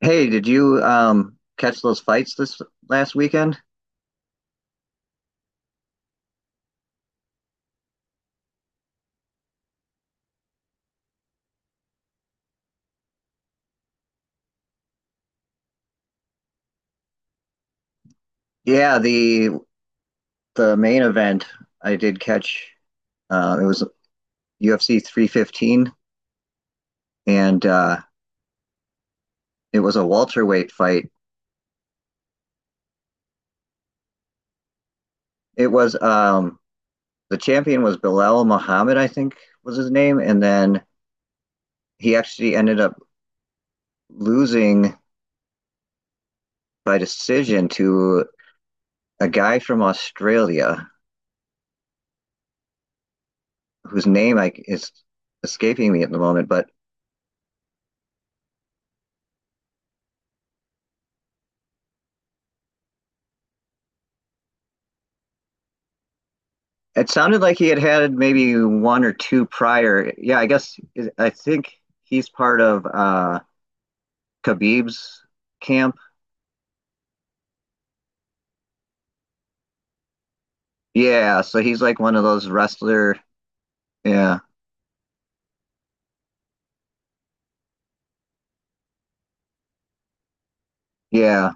Hey, did you catch those fights this last weekend? Yeah, the main event I did catch. It was UFC 315, and it was a welterweight fight. It was The champion was Bilal Muhammad, I think was his name, and then he actually ended up losing by decision to a guy from Australia whose name I is escaping me at the moment, but it sounded like he had had maybe one or two prior. Yeah, I guess I think he's part of Khabib's camp. Yeah, so he's like one of those wrestler. Yeah, yeah,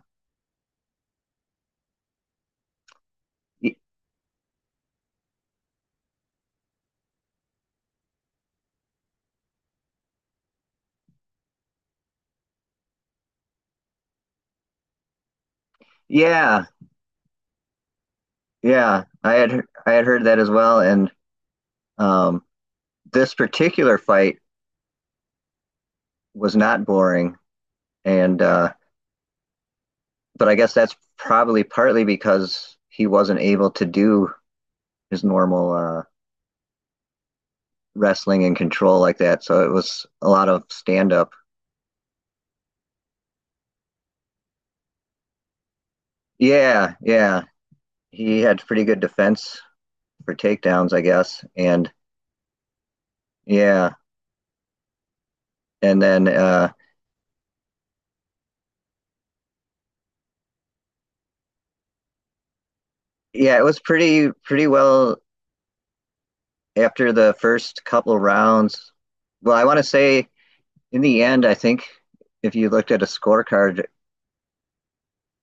Y- yeah, yeah. I had heard that as well, and um, this particular fight was not boring, and but I guess that's probably partly because he wasn't able to do his normal wrestling and control like that, so it was a lot of stand up. Yeah, yeah. He had pretty good defense for takedowns, I guess. And yeah, and then yeah, it was pretty well after the first couple rounds. Well, I want to say in the end, I think if you looked at a scorecard,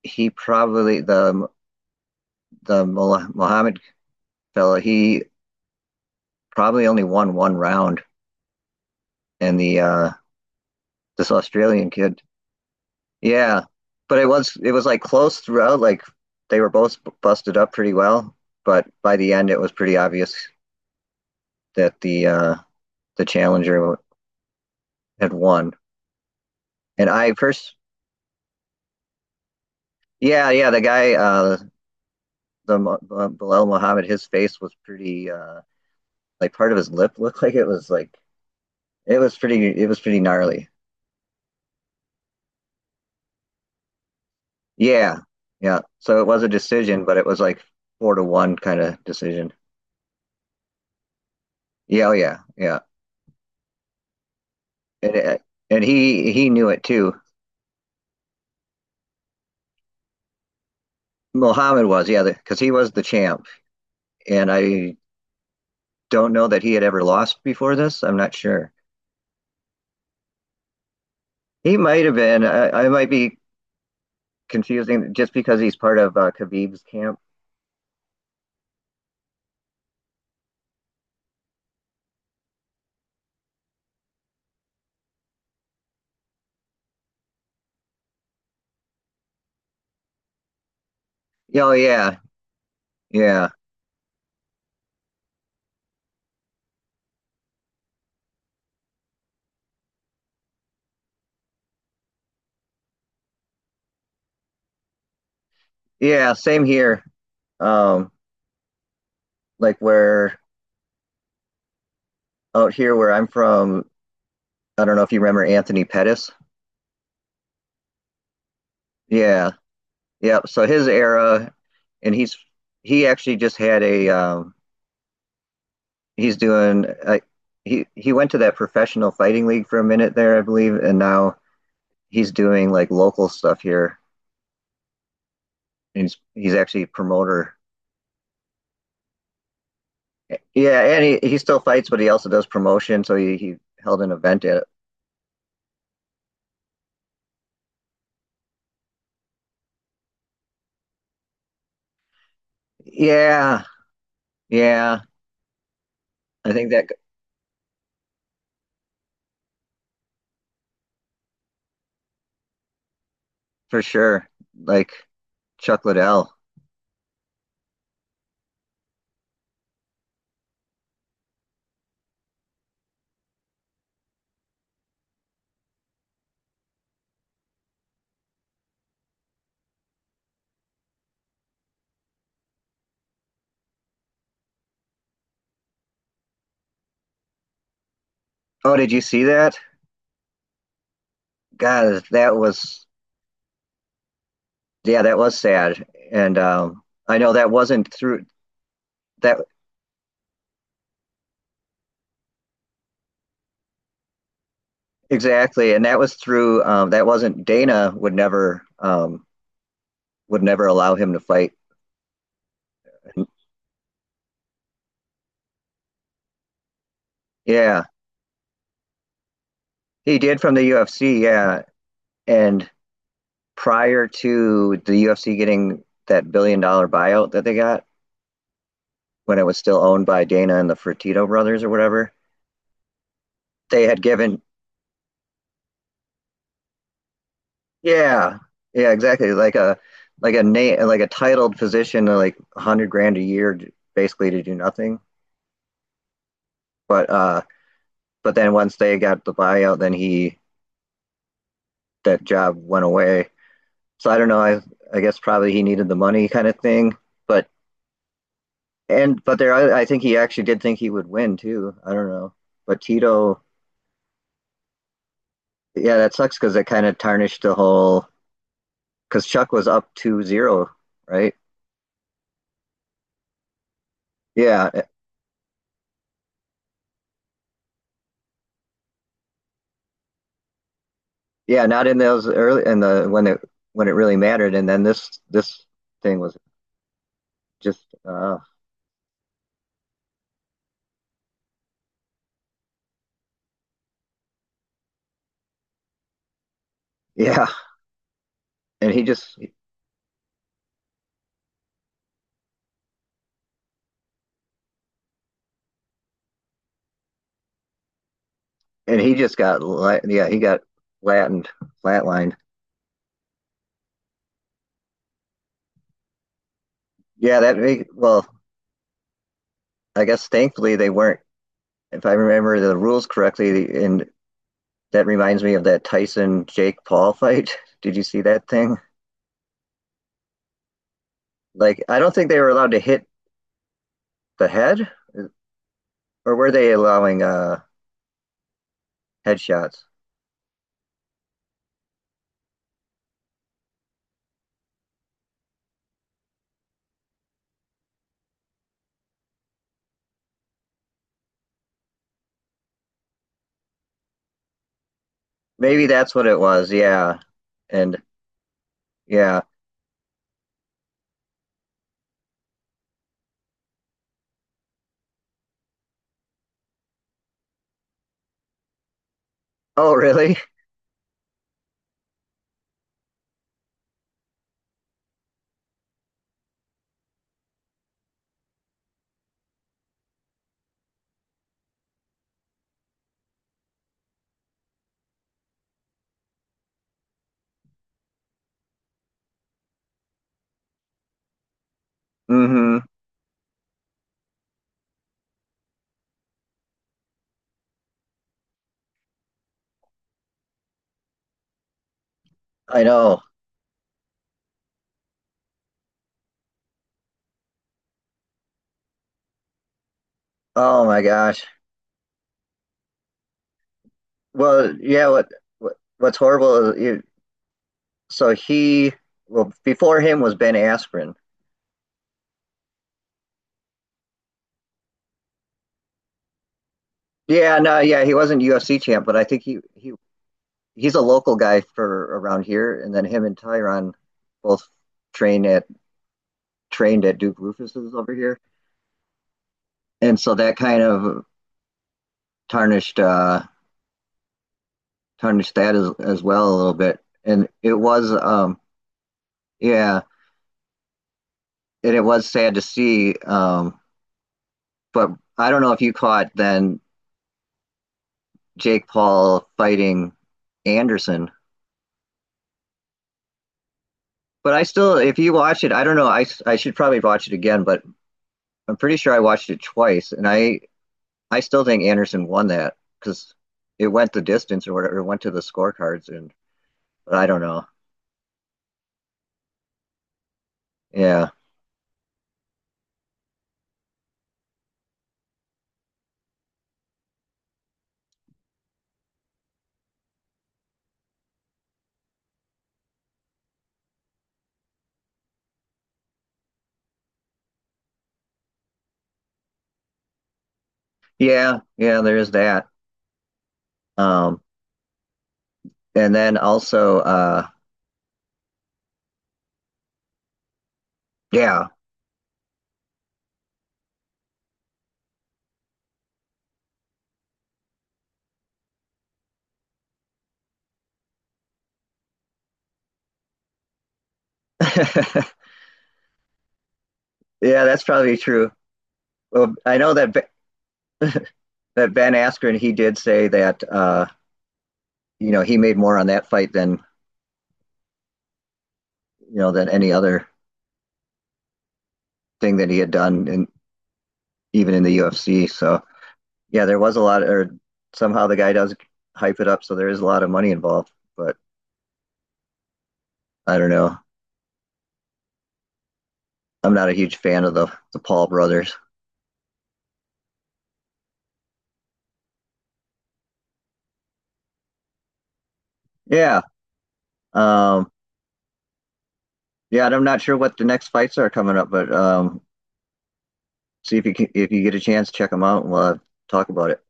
he probably, the Muhammad fella, he probably only won one round, and the this Australian kid. Yeah, but it was like close throughout. Like they were both busted up pretty well, but by the end it was pretty obvious that the challenger had won. And I first, yeah, yeah, the guy, Bilal Muhammad, his face was pretty like part of his lip looked like it was pretty gnarly. Yeah, yeah. So it was a decision, but it was like 4-1 kind of decision. Yeah, oh yeah, yeah. And uh, and he knew it too. Muhammad was, yeah, because he was the champ, and I don't know that he had ever lost before this. I'm not sure. He might have been. I might be confusing just because he's part of Khabib's camp. Oh yeah, yeah, yeah. Same here. Um, like where out here where I'm from, I don't know if you remember Anthony Pettis. Yeah, yeah. So his era, and he actually just had a, he's doing, he went to that professional fighting league for a minute there, I believe, and now he's doing like local stuff here. He's actually a promoter. Yeah, and he still fights, but he also does promotion. So he held an event at it. Yeah, yeah, I think that, for sure. Like Chuck Liddell. Oh, did you see that? God, that was yeah, that was sad. And I know that wasn't through that. Exactly, and that wasn't, Dana would never, allow him to fight. Yeah, he did from the UFC. Yeah, and prior to the UFC getting that billion dollar buyout that they got when it was still owned by Dana and the Fertitta brothers or whatever, they had given, yeah, yeah, exactly, like a, name, like a titled position, like 100 grand a year, basically, to do nothing. But uh, but then once they got the buyout, then he that job went away. So I don't know. I guess probably he needed the money, kind of thing. But but there, I think he actually did think he would win too. I don't know. But Tito, yeah, that sucks because it kind of tarnished the whole. Because Chuck was up 2-0, right? Yeah, eh, yeah, not in those early in the when it really mattered, and then this thing was just yeah, and he just got yeah, he got flattened flatlined. Yeah, that well, I guess thankfully they weren't, if I remember the rules correctly, and that reminds me of that Tyson Jake Paul fight. Did you see that thing? Like, I don't think they were allowed to hit the head, or were they allowing headshots? Maybe that's what it was. Yeah, and yeah. Oh, really? Mm-hmm. I know. Oh my gosh. Well, yeah. What, what's horrible is, you, so he, well, before him was Ben Askren. Yeah, no, yeah, he wasn't UFC champ, but I think he's a local guy for around here, and then him and Tyron both trained at trained at Duke Rufus's over here, and so that kind of tarnished uh, tarnished that as well a little bit. And it was, yeah, and it was sad to see. But I don't know if you caught then Jake Paul fighting Anderson. But I still, if you watch it, I don't know. I should probably watch it again, but I'm pretty sure I watched it twice, and I still think Anderson won that because it went the distance or whatever. It went to the scorecards, and but I don't know. Yeah, yeah, yeah. There is that. Um, and then also, yeah, yeah. That's probably true. Well, I know that that Ben Askren, he did say that he made more on that fight than than any other thing that he had done, and even in the UFC. So yeah, there was a lot, or somehow the guy does hype it up, so there is a lot of money involved. But I don't know. I'm not a huge fan of the Paul brothers. Yeah. Um, yeah, and I'm not sure what the next fights are coming up, but see if you can, if you get a chance, check them out, and we'll talk about it.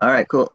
All right, cool.